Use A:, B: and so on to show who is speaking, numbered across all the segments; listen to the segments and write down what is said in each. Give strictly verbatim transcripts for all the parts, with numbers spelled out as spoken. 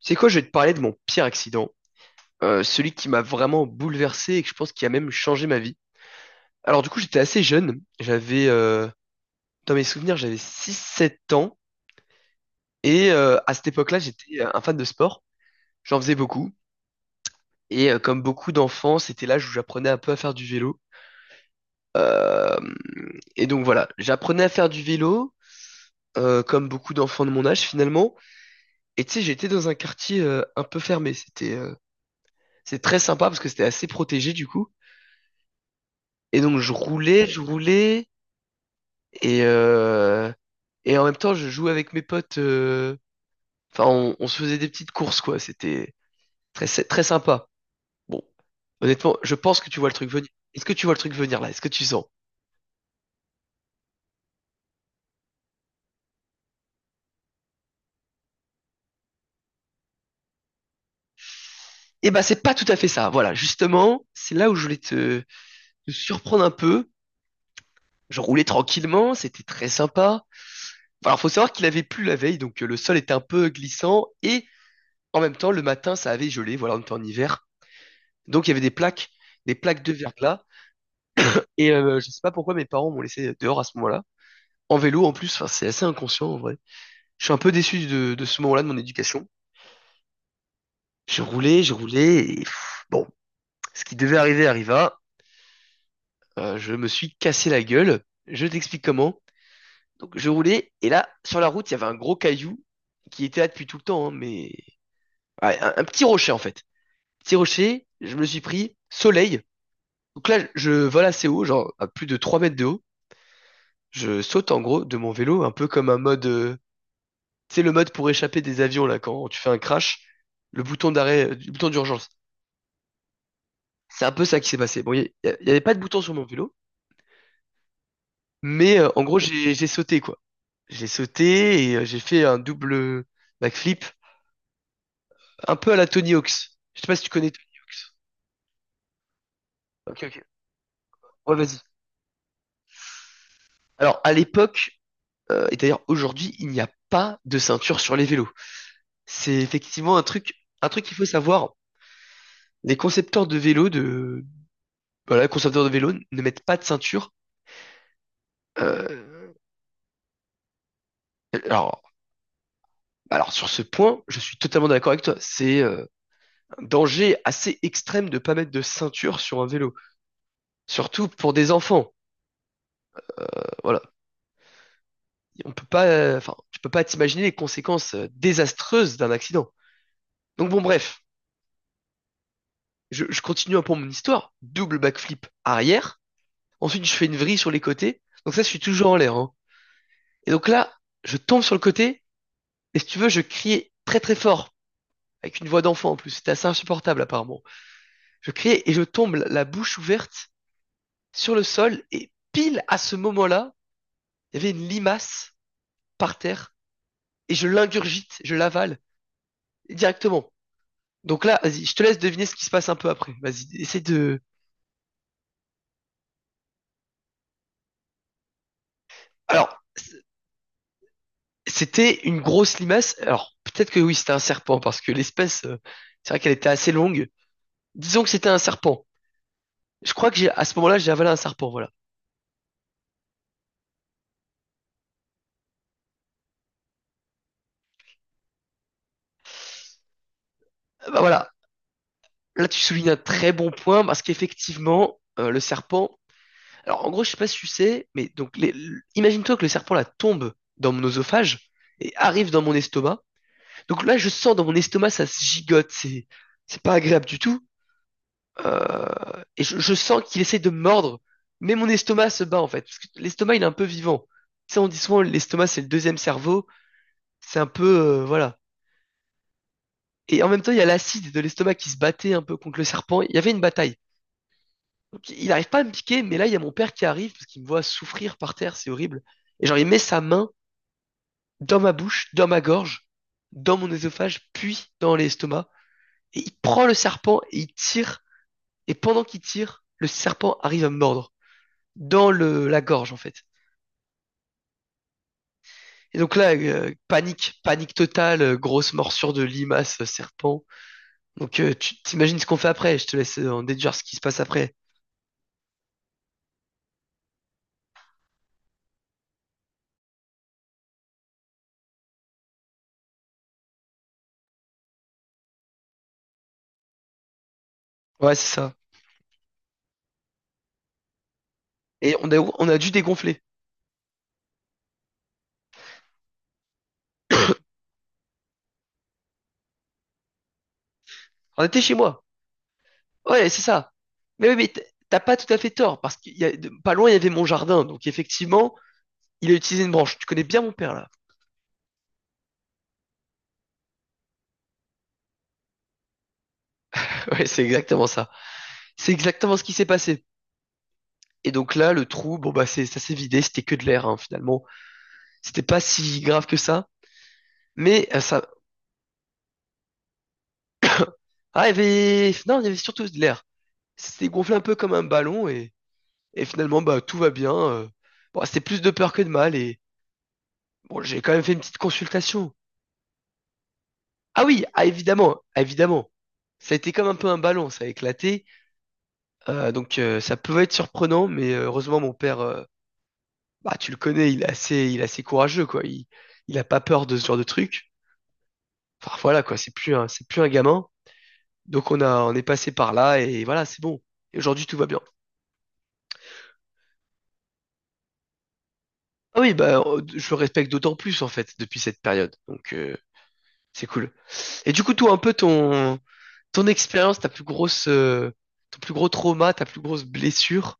A: C'est quoi, je vais te parler de mon pire accident, euh, celui qui m'a vraiment bouleversé et que je pense qui a même changé ma vie. Alors du coup, j'étais assez jeune, j'avais, euh, dans mes souvenirs, j'avais six, sept ans, et euh, à cette époque-là, j'étais euh, un fan de sport, j'en faisais beaucoup, et euh, comme beaucoup d'enfants, c'était l'âge où j'apprenais un peu à faire du vélo. Euh, et donc voilà, j'apprenais à faire du vélo, euh, comme beaucoup d'enfants de mon âge finalement, et tu sais, j'étais dans un quartier euh, un peu fermé, c'était euh, c'est très sympa parce que c'était assez protégé du coup, et donc je roulais, je roulais. Et, euh, et en même temps, je jouais avec mes potes. euh, Enfin, on, on se faisait des petites courses, quoi. C'était très, sy- très sympa. Bon, honnêtement, je pense que tu vois le truc venir. Est-ce que tu vois le truc venir là? Est-ce que tu sens? Eh ben, c'est pas tout à fait ça. Voilà, justement, c'est là où je voulais te, te surprendre un peu. Je roulais tranquillement, c'était très sympa. Alors, faut savoir qu'il avait plu la veille, donc euh, le sol était un peu glissant et en même temps, le matin, ça avait gelé. Voilà, on était en hiver, donc il y avait des plaques, des plaques de verglas. Et euh, je sais pas pourquoi mes parents m'ont laissé dehors à ce moment-là. En vélo en plus, enfin, c'est assez inconscient en vrai. Je suis un peu déçu de, de ce moment-là de mon éducation. J'ai roulé, j'ai roulé, et pff, bon, ce qui devait arriver arriva. Euh, je me suis cassé la gueule. Je t'explique comment. Donc je roulais, et là, sur la route, il y avait un gros caillou qui était là depuis tout le temps, hein, mais ouais, un, un petit rocher en fait. Petit rocher, je me le suis pris soleil. Donc là, je vole assez haut, genre à plus de trois mètres de haut. Je saute en gros de mon vélo, un peu comme un mode euh, c'est le mode pour échapper des avions là quand tu fais un crash, le bouton d'arrêt, euh, le bouton d'urgence. C'est un peu ça qui s'est passé. Bon, il y, a- y avait pas de bouton sur mon vélo, mais euh, en gros j'ai j'ai sauté quoi. J'ai sauté et euh, j'ai fait un double backflip, un peu à la Tony Hawk's. Je sais pas si tu connais. Ok, ok. Ouais, vas-y. Alors à l'époque euh, et d'ailleurs aujourd'hui, il n'y a pas de ceinture sur les vélos. C'est effectivement un truc, un truc qu'il faut savoir. Les concepteurs de vélos de Voilà, les concepteurs de vélos ne mettent pas de ceinture. Euh, alors, Alors sur ce point, je suis totalement d'accord avec toi. C'est euh, un danger assez extrême de pas mettre de ceinture sur un vélo, surtout pour des enfants. Euh, voilà, on peut pas, euh, enfin, tu peux pas t'imaginer les conséquences euh, désastreuses d'un accident. Donc bon, bref, je, je continue un peu mon histoire. Double backflip arrière. Ensuite, je fais une vrille sur les côtés. Donc ça, je suis toujours en l'air, hein. Et donc là, je tombe sur le côté. Et si tu veux, je criais très très fort avec une voix d'enfant en plus. C'était assez insupportable apparemment. Je criais et je tombe la bouche ouverte sur le sol et pile à ce moment-là, il y avait une limace par terre et je l'ingurgite, je l'avale directement. Donc là, vas-y, je te laisse deviner ce qui se passe un peu après. Vas-y, essaie de. Alors, c'était une grosse limace. Alors, peut-être que oui, c'était un serpent parce que l'espèce, euh, c'est vrai qu'elle était assez longue. Disons que c'était un serpent. Je crois que j'ai, à ce moment-là, j'ai avalé un serpent. Voilà. Euh, Bah voilà. Là, tu soulignes un très bon point parce qu'effectivement, euh, le serpent. Alors, en gros, je sais pas si tu sais, mais donc, les- l- imagine-toi que le serpent là tombe dans mon oesophage et arrive dans mon estomac. Donc là, je sens dans mon estomac, ça se gigote, c'est, c'est pas agréable du tout. Euh, et je, je sens qu'il essaie de me mordre, mais mon estomac se bat en fait, parce que l'estomac il est un peu vivant. Tu sais, on dit souvent l'estomac c'est le deuxième cerveau, c'est un peu, euh, voilà. Et en même temps, il y a l'acide de l'estomac qui se battait un peu contre le serpent. Il y avait une bataille. Donc, il n'arrive pas à me piquer, mais là, il y a mon père qui arrive parce qu'il me voit souffrir par terre, c'est horrible. Et genre, il met sa main dans ma bouche, dans ma gorge, dans mon œsophage, puis dans l'estomac. Et il prend le serpent et il tire. Et pendant qu'il tire, le serpent arrive à me mordre dans le, la gorge en fait. Et donc là, euh, panique, panique totale, euh, grosse morsure de limace, euh, serpent. Donc euh, tu t'imagines ce qu'on fait après, je te laisse euh, en déduire ce qui se passe après. Ouais, c'est ça. Et on a, on a dû dégonfler. On était chez moi. Ouais, c'est ça. Mais oui, mais t- t'as pas tout à fait tort, parce qu'il y a, de- pas loin, il y avait mon jardin. Donc effectivement, il a utilisé une branche. Tu connais bien mon père là. Ouais, c'est exactement ça. C'est exactement ce qui s'est passé. Et donc là, le trou, bon bah c'est, ça s'est vidé, c'était que de l'air hein, finalement. C'était pas si grave que ça. Mais euh, ça, ah, il y avait, non, il y avait surtout de l'air. C'était gonflé un peu comme un ballon et, et finalement bah tout va bien. euh. Bon, c'était plus de peur que de mal et bon, j'ai quand même fait une petite consultation. Ah oui, ah évidemment, ah, évidemment. Ça a été comme un peu un ballon, ça a éclaté. Euh, donc euh, ça pouvait être surprenant, mais euh, heureusement mon père euh, bah, tu le connais, il est assez, il est assez courageux, quoi. Il, il a pas peur de ce genre de truc. Enfin, voilà, quoi. C'est plus un, c'est plus un gamin. Donc, on a, on est passé par là et voilà, c'est bon. Et aujourd'hui, tout va bien. Ah oui, bah, euh, je le respecte d'autant plus, en fait, depuis cette période. Donc, euh, c'est cool. Et du coup, toi, un peu ton, ton expérience, ta plus grosse, euh, ton plus gros trauma, ta plus grosse blessure.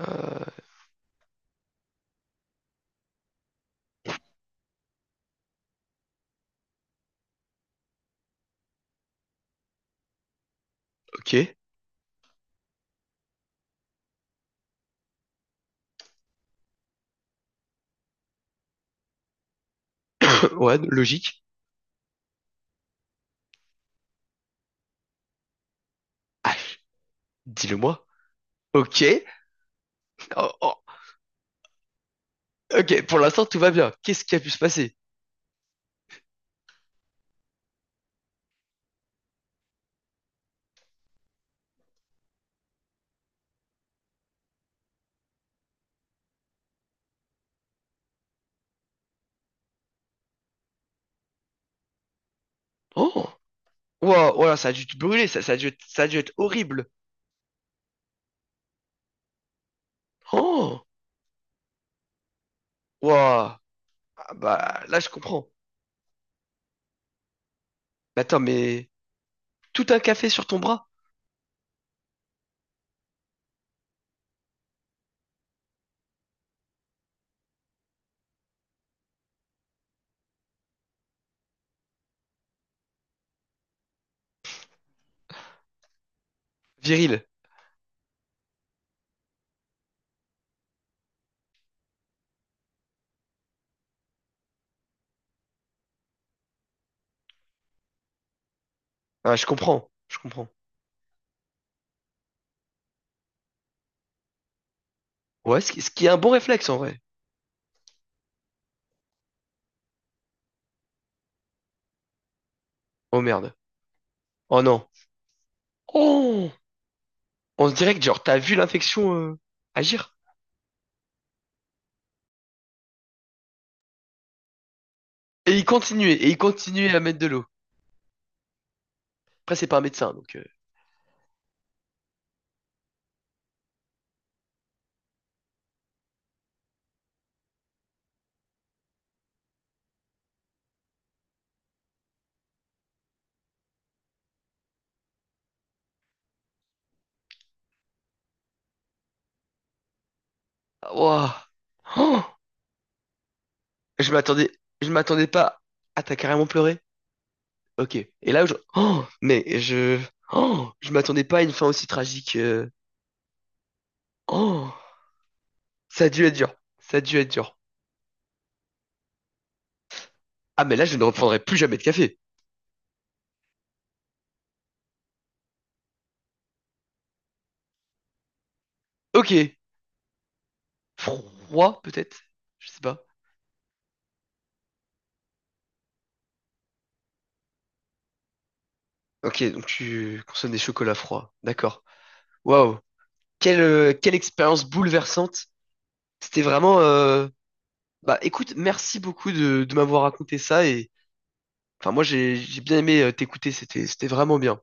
A: Euh, ok. Ouais, logique. Ah, dis-le-moi. Ok. Oh, oh. Ok, pour l'instant, tout va bien. Qu'est-ce qui a pu se passer? Oh. Ouah, ouah, ça a dû te brûler, ça, ça a dû, être- ça a dû être horrible. Oh, ouah, ah, bah là je comprends. Mais attends, mais tout un café sur ton bras, viril. Ah, je comprends, je comprends. Ouais, ce qui, ce qui est un bon réflexe en vrai. Oh merde. Oh non. Oh, on se dirait que genre t'as vu l'infection euh, agir. Et il continuait, et il continuait à mettre de l'eau. Après c'est pas un médecin donc. euh, Ouah. Oh je m'attendais, je m'attendais pas. Ah, t'as carrément pleuré? Ok. Et là, je... Oh, mais je... Oh, je m'attendais pas à une fin aussi tragique. euh. Oh, ça a dû être dur. Ça a dû être dur. Ah, mais là, je ne reprendrai plus jamais de café. Ok. Froid, peut-être? Je sais pas. Ok, donc tu consommes des chocolats froids. D'accord. Waouh. Quelle, euh, quelle expérience bouleversante. C'était vraiment... euh, Bah écoute, merci beaucoup de, de m'avoir raconté ça et... Enfin, moi, j'ai j'ai bien aimé euh, t'écouter. C'était, c'était vraiment bien.